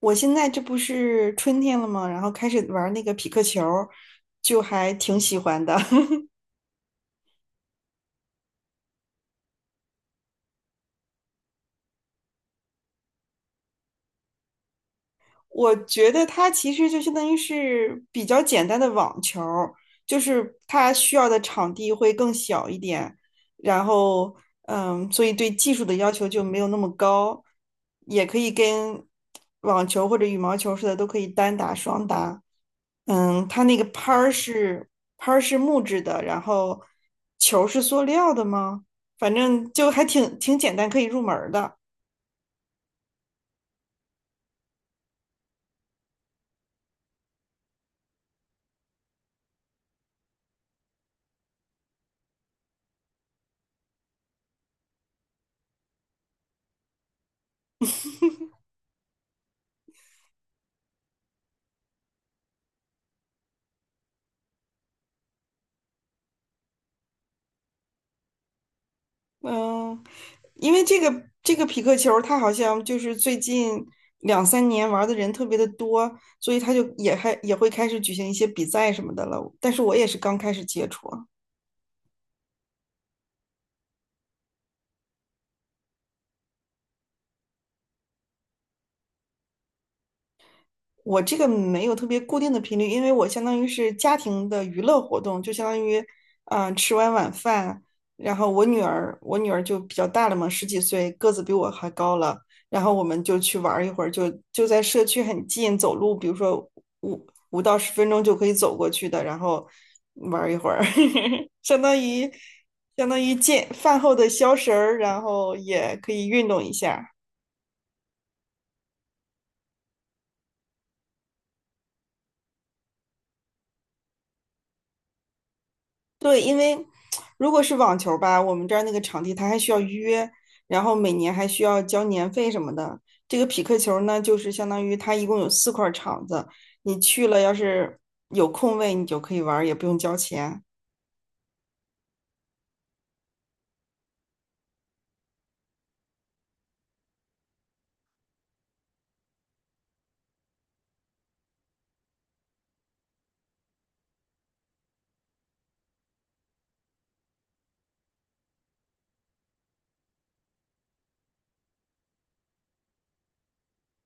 我现在这不是春天了吗？然后开始玩那个匹克球儿就还挺喜欢的。我觉得它其实就相当于是比较简单的网球儿就是它需要的场地会更小一点，然后所以对技术的要求就没有那么高，也可以跟网球或者羽毛球似的，都可以单打、双打。它那个拍儿是木质的，然后球是塑料的吗？反正就还挺简单，可以入门儿的。嗯，因为这个匹克球，它好像就是最近两三年玩的人特别的多，所以它就也会开始举行一些比赛什么的了。但是我也是刚开始接触。我这个没有特别固定的频率，因为我相当于是家庭的娱乐活动，就相当于，吃完晚饭，然后我女儿就比较大了嘛，十几岁，个子比我还高了，然后我们就去玩儿一会儿，就在社区很近，走路，比如说五五到十分钟就可以走过去的，然后玩儿一会儿，相当于相当于健饭后的消食儿，然后也可以运动一下。对，因为如果是网球吧，我们这儿那个场地它还需要预约，然后每年还需要交年费什么的。这个匹克球呢，就是相当于它一共有四块场子，你去了要是有空位，你就可以玩儿也不用交钱。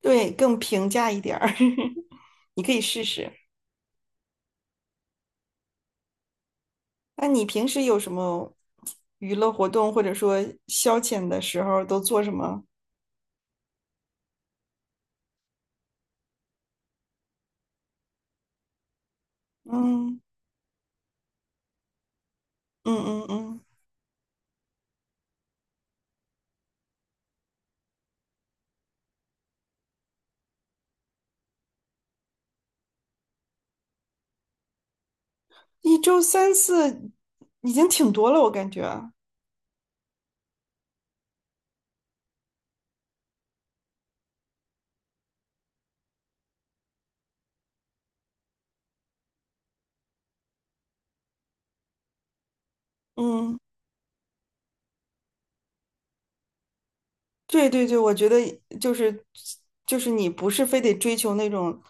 对，更平价一点儿，你可以试试。那你平时有什么娱乐活动，或者说消遣的时候都做什么？嗯嗯嗯嗯，一周三次已经挺多了，我感觉。嗯。对对对，我觉得就是就是你不是非得追求那种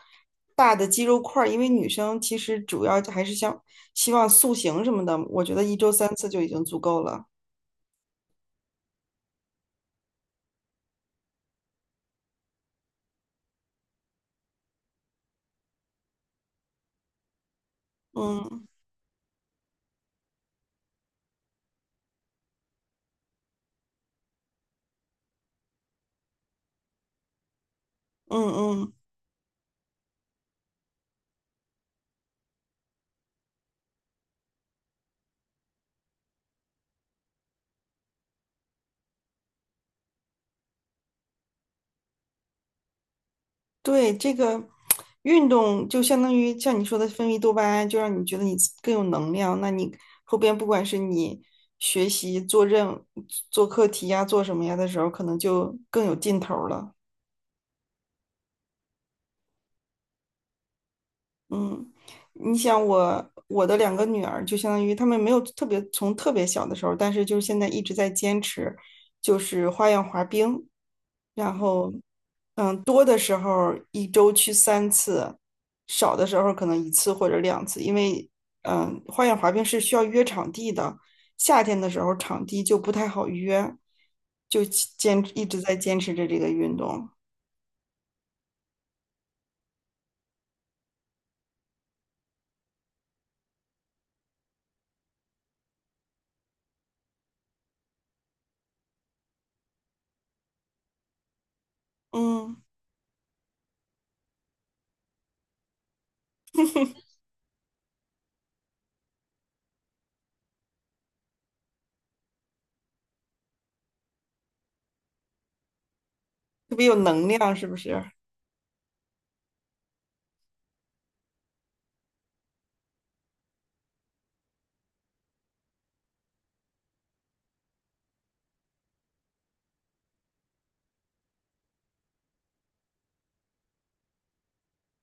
大的肌肉块儿，因为女生其实主要还是想希望塑形什么的，我觉得一周三次就已经足够了。嗯嗯嗯，对，这个运动就相当于像你说的分泌多巴胺，就让你觉得你更有能量。那你后边不管是你学习、做课题呀、做什么呀的时候，可能就更有劲头儿了。嗯，你想我的两个女儿，就相当于她们没有特别从特别小的时候，但是就是现在一直在坚持，就是花样滑冰，然后多的时候一周去三次，少的时候可能一次或者两次，因为花样滑冰是需要约场地的，夏天的时候场地就不太好约，就一直在坚持着这个运动。嗯，特别有能量，是不是？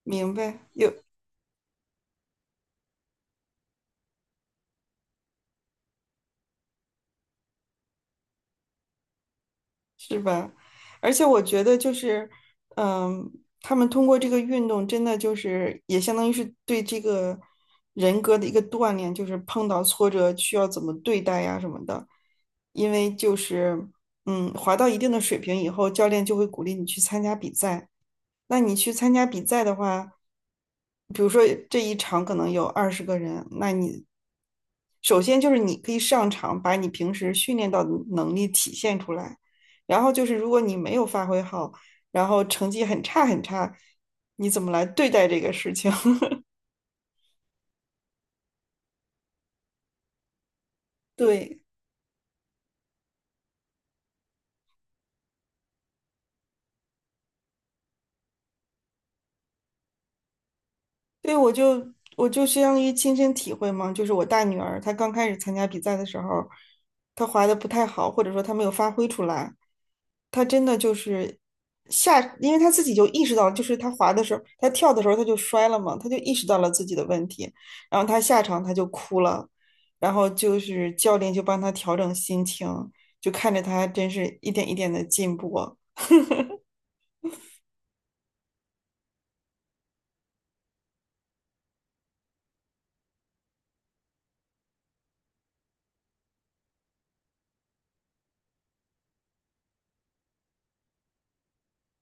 明白，有，是吧？而且我觉得就是，嗯，他们通过这个运动，真的就是也相当于是对这个人格的一个锻炼，就是碰到挫折需要怎么对待呀什么的。因为就是，滑到一定的水平以后，教练就会鼓励你去参加比赛。那你去参加比赛的话，比如说这一场可能有20个人，那你首先就是你可以上场把你平时训练到的能力体现出来，然后就是如果你没有发挥好，然后成绩很差很差，你怎么来对待这个事情？对。对，我就相当于亲身体会嘛，就是我大女儿，她刚开始参加比赛的时候，她滑的不太好，或者说她没有发挥出来，她真的就是因为她自己就意识到了就是她滑的时候，她跳的时候她就摔了嘛，她就意识到了自己的问题，然后她下场她就哭了，然后就是教练就帮她调整心情，就看着她真是一点一点的进步，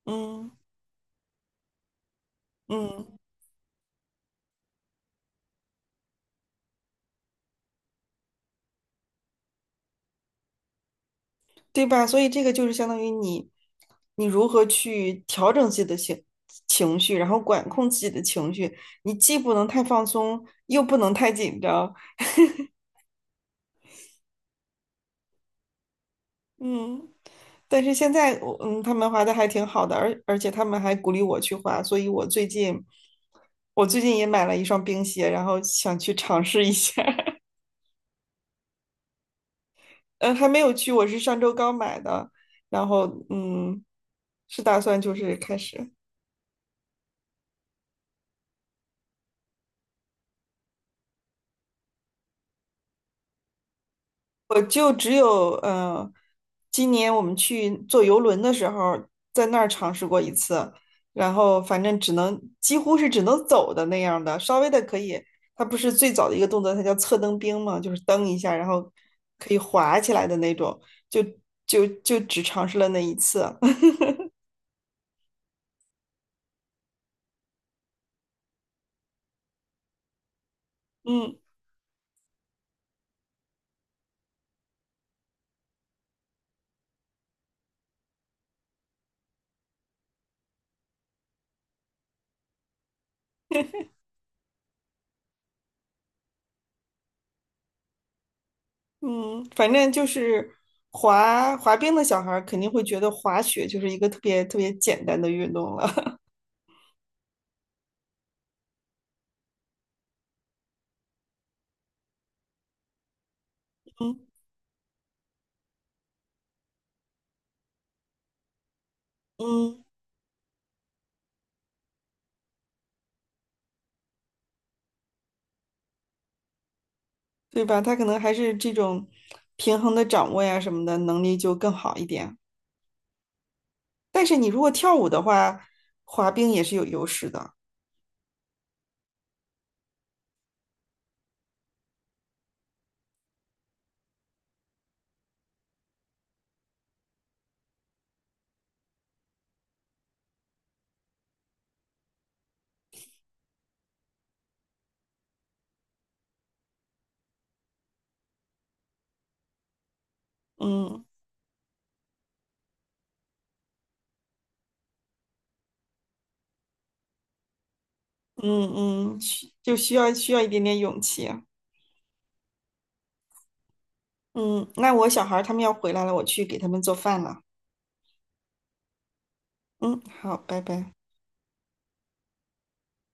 嗯嗯。对吧？所以这个就是相当于你，你如何去调整自己的情绪，然后管控自己的情绪。你既不能太放松，又不能太紧张。嗯，但是现在他们滑的还挺好的，而且他们还鼓励我去滑，所以我最近，我最近也买了一双冰鞋，然后想去尝试一下。嗯，还没有去，我是上周刚买的，然后是打算就是开始。我就只有今年我们去坐游轮的时候，在那儿尝试过一次，然后反正只能几乎是只能走的那样的，稍微的可以。它不是最早的一个动作，它叫侧蹬冰嘛，就是蹬一下，然后可以滑起来的那种，就就只尝试了那一次。嗯嗯，反正就是滑滑冰的小孩儿肯定会觉得滑雪就是一个特别特别简单的运动了。嗯嗯。对吧？他可能还是这种平衡的掌握呀什么的能力就更好一点。但是你如果跳舞的话，滑冰也是有优势的。嗯嗯需要一点点勇气啊。嗯，那我小孩儿他们要回来了，我去给他们做饭了。嗯，好，拜拜。